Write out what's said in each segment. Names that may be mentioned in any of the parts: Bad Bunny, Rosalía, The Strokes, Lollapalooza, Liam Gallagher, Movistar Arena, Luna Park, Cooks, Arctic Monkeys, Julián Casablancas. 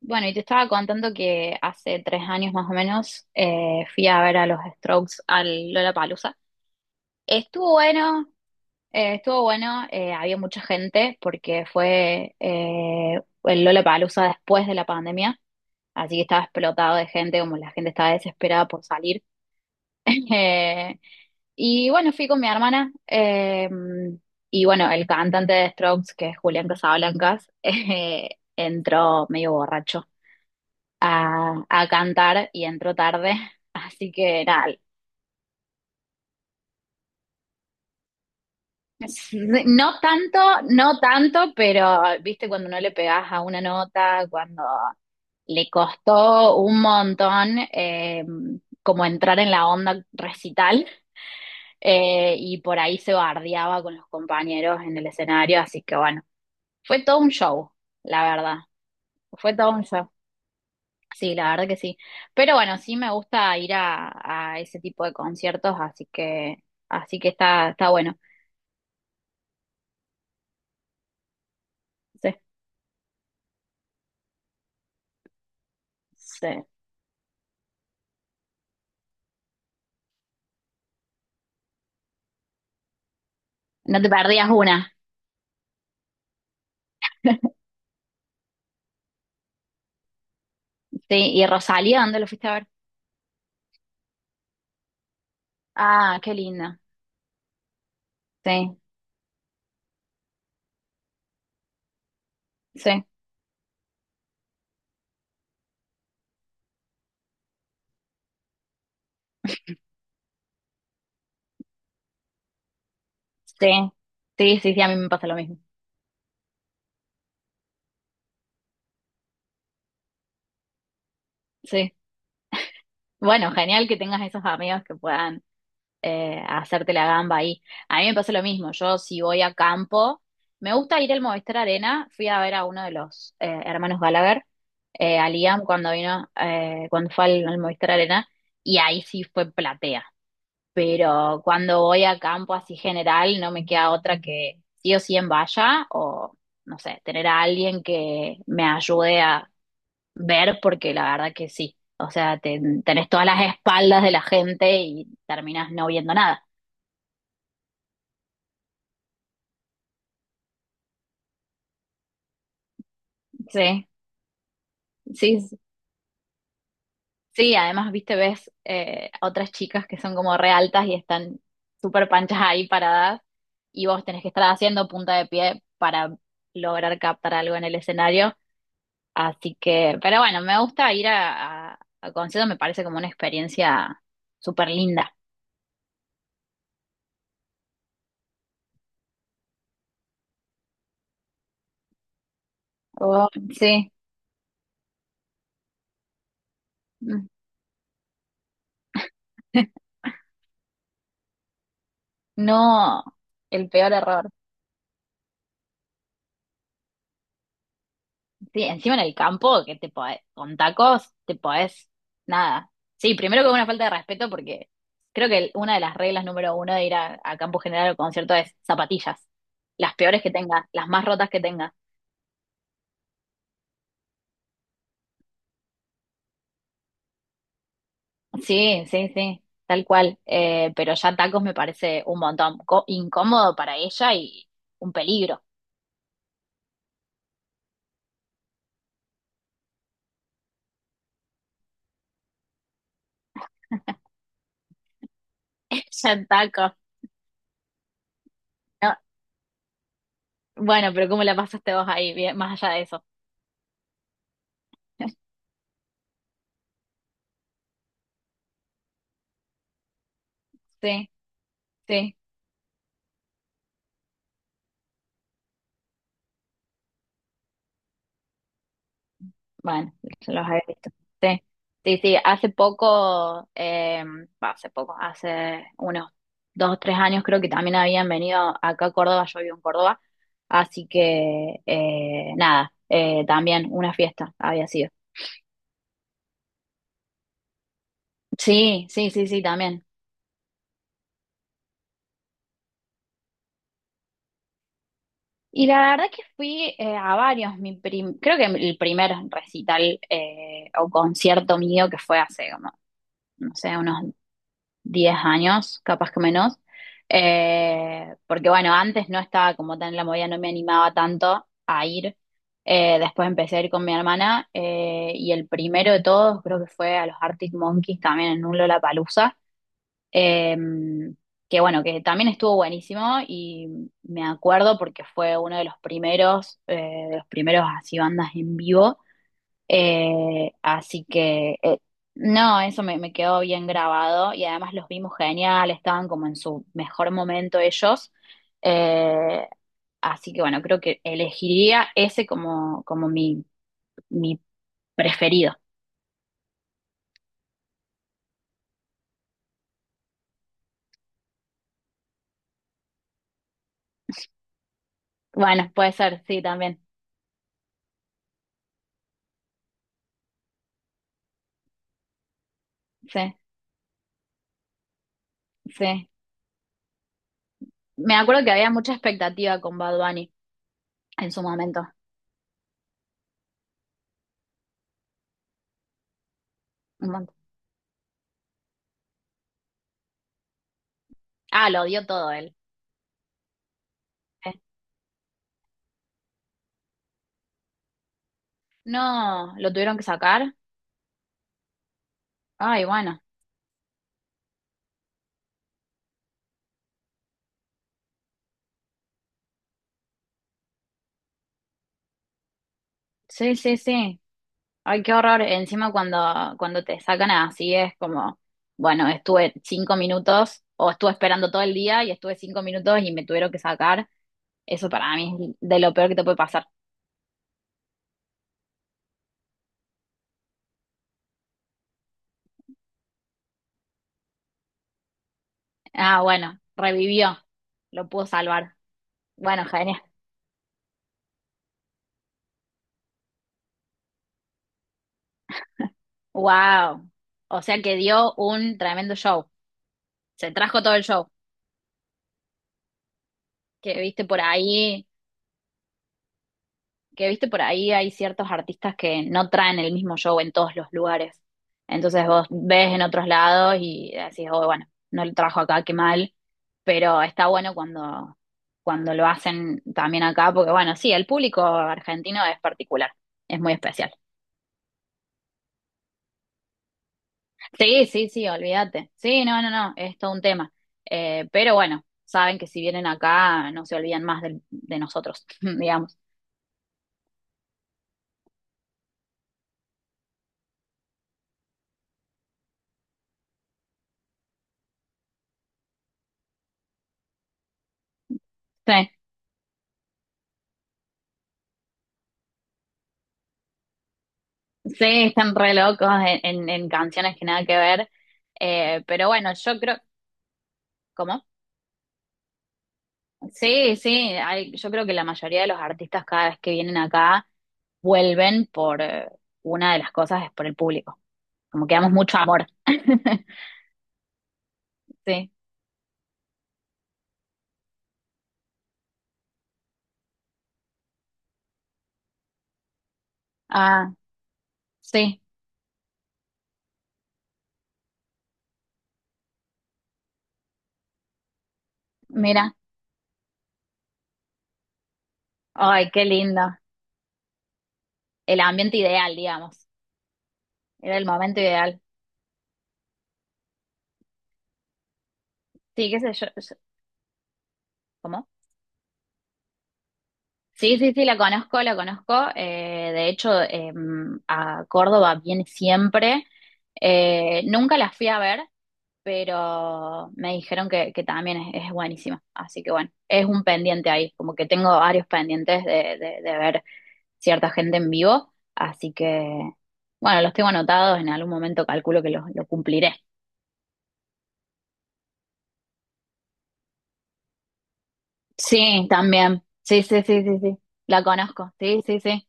Bueno, y te estaba contando que hace 3 años más o menos fui a ver a los Strokes al Lollapalooza. Estuvo bueno, estuvo bueno, había mucha gente porque fue el Lollapalooza después de la pandemia, así que estaba explotado de gente, como la gente estaba desesperada por salir. Eh, y bueno, fui con mi hermana y bueno, el cantante de Strokes, que es Julián Casablancas, entró medio borracho a cantar y entró tarde. Así que nada, no tanto, no tanto, pero viste cuando no le pegás a una nota, cuando le costó un montón como entrar en la onda recital. Eh, y por ahí se bardeaba con los compañeros en el escenario, así que bueno, fue todo un show, la verdad, fue todo un show. Sí, la verdad que sí. Pero bueno, sí me gusta ir a ese tipo de conciertos, así que está, está bueno. Sí, sí. No te perdías una. Sí, ¿y Rosalía dónde lo fuiste a ver? Ah, qué linda. Sí, sí, sí. Sí, sí, sí, a mí me pasa lo mismo. Sí. Bueno, genial que tengas esos amigos que puedan a hacerte la gamba ahí. A mí me pasa lo mismo, yo si voy a campo, me gusta ir al Movistar Arena, fui a ver a uno de los hermanos Gallagher, a Liam cuando vino, cuando fue al Movistar Arena, y ahí sí fue platea. Pero cuando voy a campo así general, no me queda otra que sí o sí en valla o, no sé, tener a alguien que me ayude a ver, porque la verdad que sí. O sea, tenés todas las espaldas de la gente y terminás no viendo nada. Sí, sí, sí, además, viste, ves a otras chicas que son como re altas y están súper panchas ahí paradas y vos tenés que estar haciendo punta de pie para lograr captar algo en el escenario. Así que, pero bueno, me gusta ir a conciertos, me parece como una experiencia súper linda. Oh, sí, no, el peor error. Sí, encima en el campo, con tacos, te podés, nada. Sí, primero que una falta de respeto, porque creo que una de las reglas número uno de ir a campo general o concierto es zapatillas. Las peores que tengas, las más rotas que tengas. Sí, sí, sí, tal cual. Pero ya tacos me parece un montón. Incómodo para ella y un peligro. Ya en tacos. No, bueno, pero ¿cómo la pasaste vos ahí, bien, más allá de eso? Sí, sí. Bueno, los he visto. Sí, sí, sí. Hace poco, va, hace poco, hace unos 2 o 3 años creo que también habían venido acá a Córdoba, yo vivo en Córdoba, así que nada, también una fiesta había sido. Sí, sí, sí, sí, también. Y la verdad que fui a varios, creo que el primer recital o concierto mío que fue hace como, no sé, unos 10 años, capaz que menos, porque bueno, antes no estaba como tan en la movida, no me animaba tanto a ir. Después empecé a ir con mi hermana y el primero de todos creo que fue a los Arctic Monkeys también en un Lollapalooza, eh, que bueno, que también estuvo buenísimo y me acuerdo porque fue uno de los primeros así bandas en vivo así que, no, eso me quedó bien grabado y además los vimos genial, estaban como en su mejor momento ellos. Eh, así que bueno, creo que elegiría ese como, como mi preferido. Bueno, puede ser, sí, también. Sí, sí. Me acuerdo que había mucha expectativa con Bad Bunny en su momento. Un montón. Ah, lo dio todo él. Eh, No, lo tuvieron que sacar. Ay, bueno. Sí, sí, sí. Ay, qué horror. Encima cuando, cuando te sacan así es como, bueno, estuve 5 minutos o estuve esperando todo el día y estuve 5 minutos y me tuvieron que sacar. Eso para mí es de lo peor que te puede pasar. Ah, bueno, revivió. Lo pudo salvar. Bueno, genial. Wow. O sea que dio un tremendo show. Se trajo todo el show que viste por ahí que viste por ahí hay ciertos artistas que no traen el mismo show en todos los lugares. Entonces vos ves en otros lados y decís, oh, bueno, no lo trajo acá, qué mal, pero está bueno cuando, cuando lo hacen también acá, porque bueno, sí, el público argentino es particular, es muy especial. Sí, sí, sí, olvídate. Sí, no, no, no, es todo un tema. Pero bueno, saben que si vienen acá no se olvidan más de, nosotros, digamos. Sí. Sí, están re locos en, en canciones que nada que ver. Pero bueno, yo creo, ¿cómo? Sí, sí, yo creo que la mayoría de los artistas cada vez que vienen acá vuelven por una de las cosas es por el público. Como que damos mucho amor. Sí. Ah, sí, mira. Ay, qué lindo. El ambiente ideal, digamos. Era el momento ideal. Sí, qué sé yo. Yo- ¿Cómo? Sí, sí, sí, la conozco, la conozco. De hecho, a Córdoba viene siempre. Nunca la fui a ver, pero me dijeron que también es buenísima. Así que bueno, es un pendiente ahí, como que tengo varios pendientes de, de ver cierta gente en vivo. Así que bueno, los tengo anotados, en algún momento calculo que los lo cumpliré. Sí, también. Sí, sí, sí, sí, sí. La conozco. Sí, sí, sí.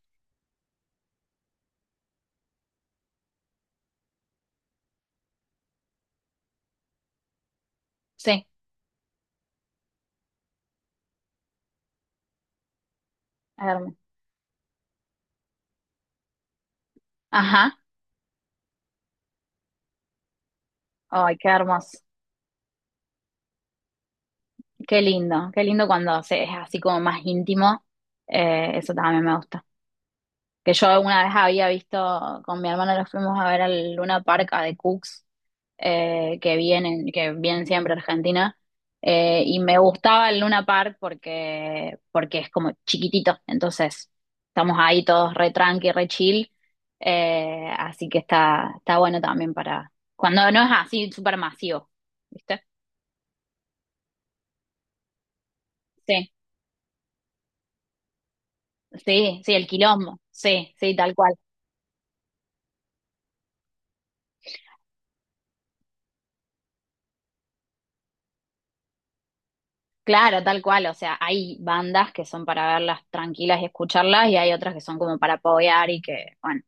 Sí, es hermoso. Ajá. Ay, qué hermoso. Qué lindo cuando se, es así como más íntimo. Eso también me gusta. Que yo una vez había visto, con mi hermano los fuimos a ver al Luna Park de Cooks, que vienen siempre a Argentina. Y me gustaba el Luna Park porque, porque es como chiquitito. Entonces, estamos ahí todos re tranqui, re chill. Así que está, está bueno también para cuando no es así súper masivo, ¿viste? Sí, sí, el quilombo, sí, sí, tal cual. Claro, tal cual. O sea, hay bandas que son para verlas tranquilas y escucharlas, y hay otras que son como para apoyar y que, bueno,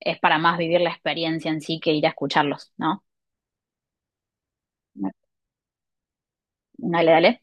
es para más vivir la experiencia en sí que ir a escucharlos, ¿no? Dale, dale.